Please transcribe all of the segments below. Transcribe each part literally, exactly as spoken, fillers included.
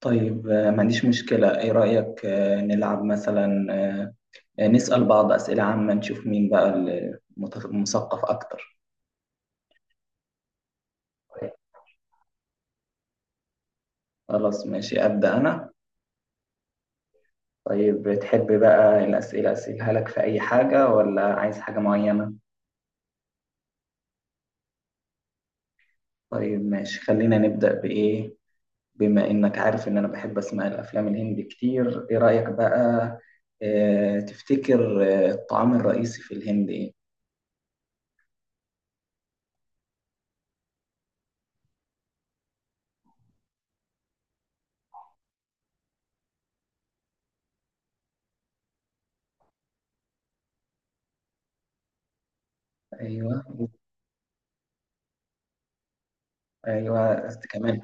طيب آه، ما عنديش مشكلة، إيه رأيك آه، نلعب مثلا، آه، آه، نسأل بعض أسئلة عامة نشوف مين بقى المت- المثقف أكتر. خلاص ماشي أبدأ أنا. طيب تحب بقى الأسئلة أسئلها لك في أي حاجة ولا عايز حاجة معينة؟ طيب ماشي خلينا نبدأ بإيه. بما إنك عارف إن أنا بحب أسمع الأفلام الهندي كتير، إيه رأيك بقى آه، تفتكر آه، الطعام الرئيسي في الهند إيه؟ أيوه. أيوه كمان.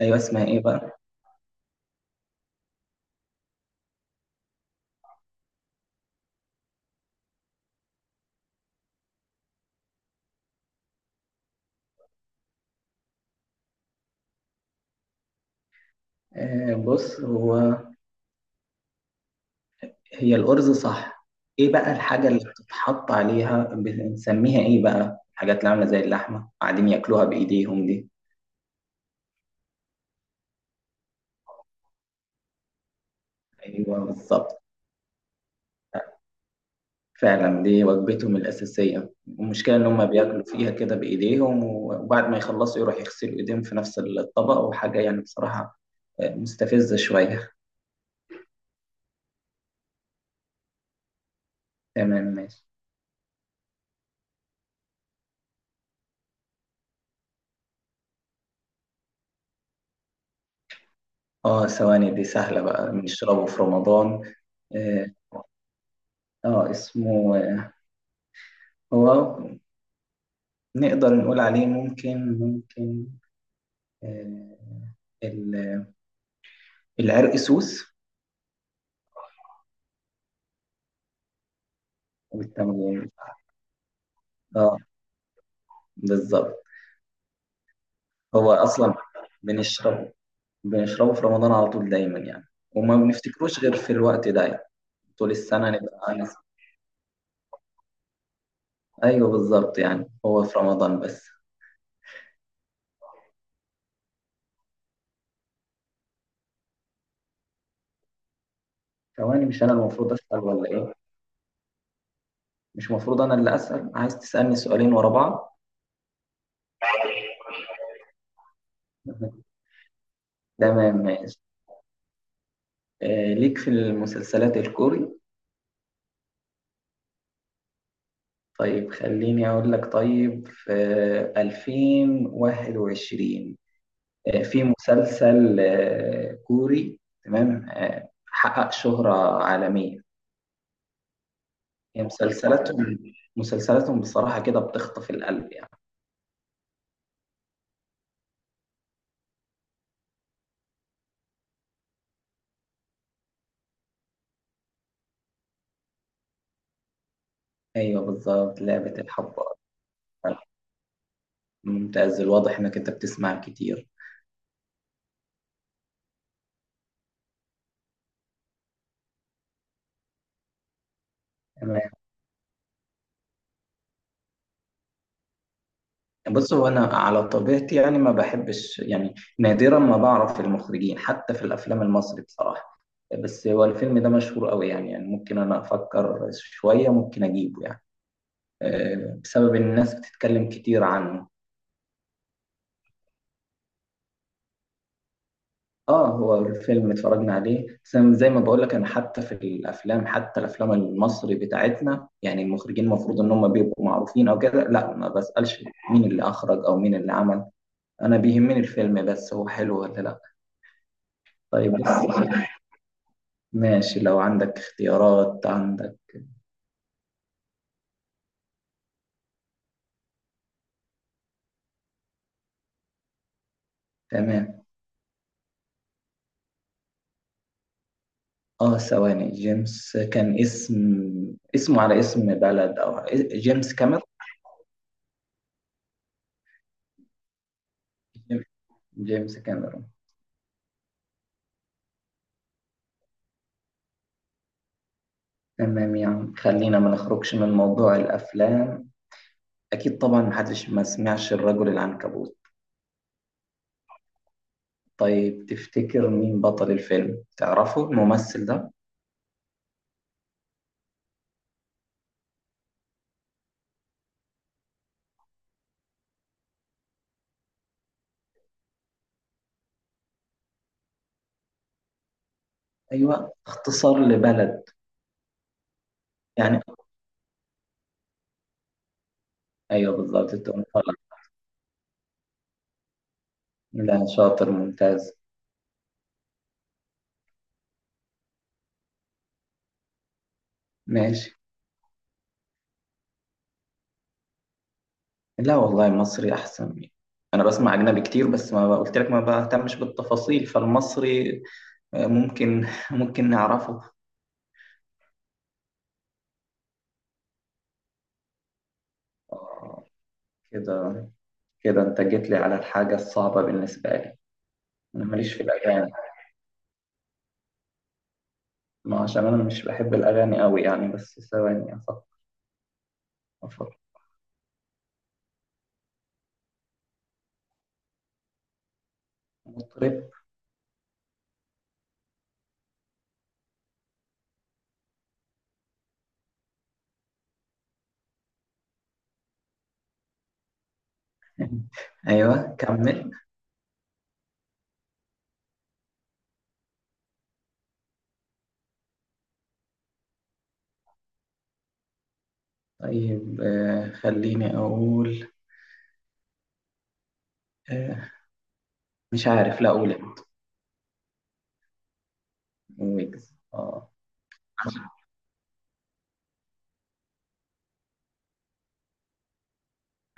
أيوه اسمها إيه بقى؟ آه، بص هو هي الأرز صح. ايه بقى الحاجة اللي بتتحط عليها بنسميها ايه بقى، الحاجات اللي عاملة زي اللحمة قاعدين ياكلوها بإيديهم دي؟ ايوه بالظبط. فعلا دي وجبتهم الأساسية، المشكلة إن هم بياكلوا فيها كده بإيديهم وبعد ما يخلصوا يروح يغسلوا إيديهم في نفس الطبق وحاجة يعني بصراحة آه، مستفزة شوية. تمام ماشي. اه ثواني دي سهلة بقى، بنشربه في رمضان. اه آه، اسمه آه، هو نقدر نقول عليه، ممكن ممكن آه، ال- العرق سوس. والتمرين. اه بالظبط. هو اصلا بنشربه بنشربه في رمضان على طول دايما يعني، وما بنفتكروش غير في الوقت ده يعني. طول السنة نبقى نس- ايوه بالظبط يعني هو في رمضان بس. ثواني مش انا المفروض اسال ولا ايه؟ مش المفروض انا اللي اسال؟ عايز تسالني سؤالين ورا بعض؟ تمام ماشي. آه ليك في المسلسلات الكوري؟ طيب خليني أقول لك. طيب في ألفين واحد وعشرين آه، في مسلسل آه، كوري، تمام آه، حقق شهرة عالمية. هي مسلسلاتهم مسلسلاتهم بصراحة كده بتخطف القلب يعني. أيوه بالظبط لعبة الحبار. ممتاز، الواضح إنك أنت بتسمع كتير. بص هو انا على طبيعتي يعني ما بحبش، يعني نادرا ما بعرف المخرجين حتى في الافلام المصري بصراحه. بس هو الفيلم ده مشهور قوي يعني، يعني ممكن انا افكر شويه ممكن اجيبه يعني آه، بسبب ان الناس بتتكلم كتير عنه. اه هو الفيلم اتفرجنا عليه، بس أنا زي ما بقول لك انا حتى في الافلام، حتى الافلام المصري بتاعتنا يعني المخرجين المفروض ان هم بيبقوا معروفين او كده، لا ما بسالش مين اللي اخرج او مين اللي عمل. انا بيهمني الفيلم بس، هو حلو ولا لا. طيب بس ماشي لو عندك اختيارات عندك. تمام. اه ثواني، جيمس كان اسم، اسمه على اسم بلد او جيمس كاميرون. جيمس كاميرون. تمام يعني خلينا ما نخرجش من موضوع الافلام. اكيد طبعا محدش ما سمعش الرجل العنكبوت. طيب تفتكر مين بطل الفيلم، تعرفه الممثل ده؟ ايوه اختصار لبلد. يعني ايوه بالظبط تقول. لا شاطر، ممتاز. ماشي. لا والله المصري احسن. انا بسمع اجنبي كتير بس ما ب- قلت لك ما بهتمش بالتفاصيل، فالمصري آه، ممكن، ممكن نعرفه. آه، كده كده انت جيت لي على الحاجة الصعبة بالنسبة لي. انا ماليش في الاغاني، ما عشان انا مش بحب الاغاني قوي يعني، بس ثواني افكر. افكر مطرب. ايوه كمل. طيب آه، خليني اقول آه، مش عارف لا اقول. ويجز، اه.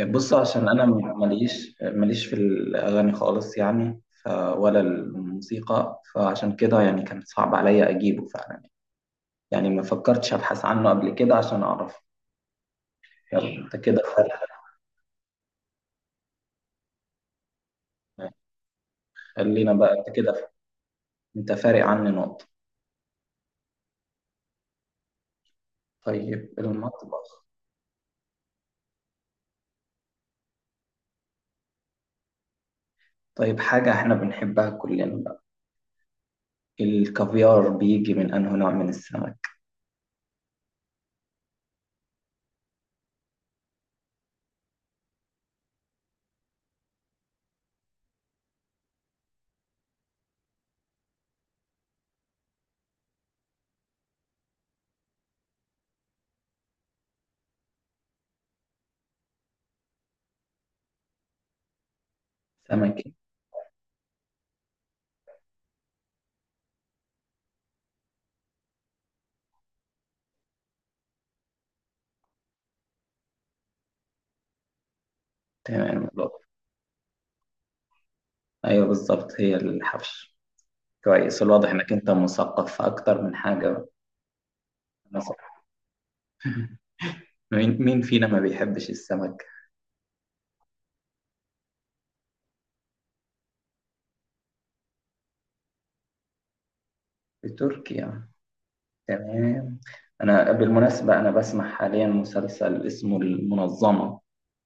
بص عشان انا ماليش ماليش في الاغاني خالص يعني، ف ولا الموسيقى، فعشان كده يعني كان صعب عليا اجيبه فعلا يعني، ما فكرتش ابحث عنه قبل كده عشان اعرف. يلا انت كده فارق. خلينا بقى، انت كده، انت فارق عني نقطة. طيب المطبخ. طيب حاجة احنا بنحبها كلنا بقى، الكافيار بيجي من انه نوع من السمك؟ سمكة. تمام. ايوه بالظبط هي الحبش. كويس، الواضح انك انت مثقف في اكتر من حاجة. مين مين فينا ما بيحبش السمك؟ بتركيا. تمام. انا بالمناسبة انا بسمع حاليا مسلسل اسمه المنظمة،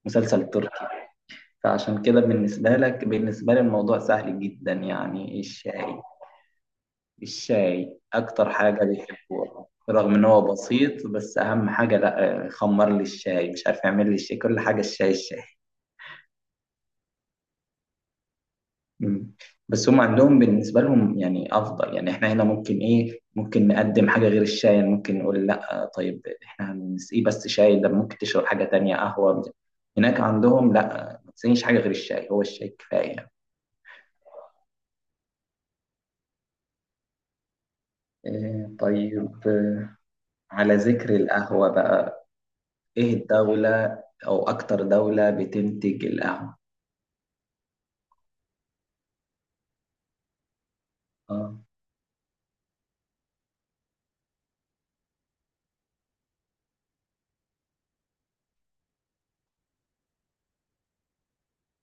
مسلسل تركي. فعشان كده بالنسبة لك، بالنسبة لي الموضوع سهل جدا يعني، الشاي. الشاي اكتر حاجة بيحبوها رغم ان هو بسيط، بس اهم حاجة لا خمر لي الشاي، مش عارف يعمل لي الشاي، كل حاجة الشاي الشاي. مم. بس هم عندهم بالنسبة لهم يعني أفضل، يعني إحنا هنا ممكن إيه ممكن نقدم حاجة غير الشاي يعني، ممكن نقول لأ طيب إحنا هنسقيه بس شاي، ده ممكن تشرب حاجة تانية قهوة. هناك عندهم لأ، ما تسقيش حاجة غير الشاي، هو الشاي كفاية يعني. إيه طيب آه، على ذكر القهوة بقى، إيه الدولة أو أكتر دولة بتنتج القهوة؟ آه.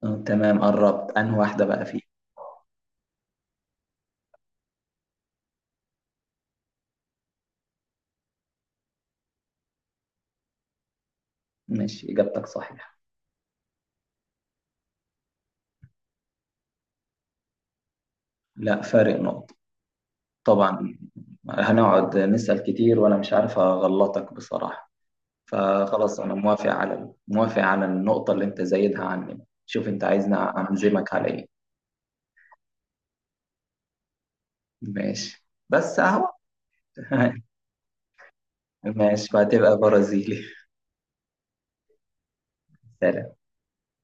آه تمام، قربت، أنهي واحدة بقى فيه؟ ماشي إجابتك صحيحة. لا فارق نقطة طبعا. هنقعد نسأل كتير وأنا مش عارف أغلطك بصراحة. فخلاص أنا موافق على موافق على النقطة اللي أنت زايدها عني. شوف أنت عايزني أعزمك على إيه؟ ماشي بس أهو. ماشي فهتبقى برازيلي. سلام.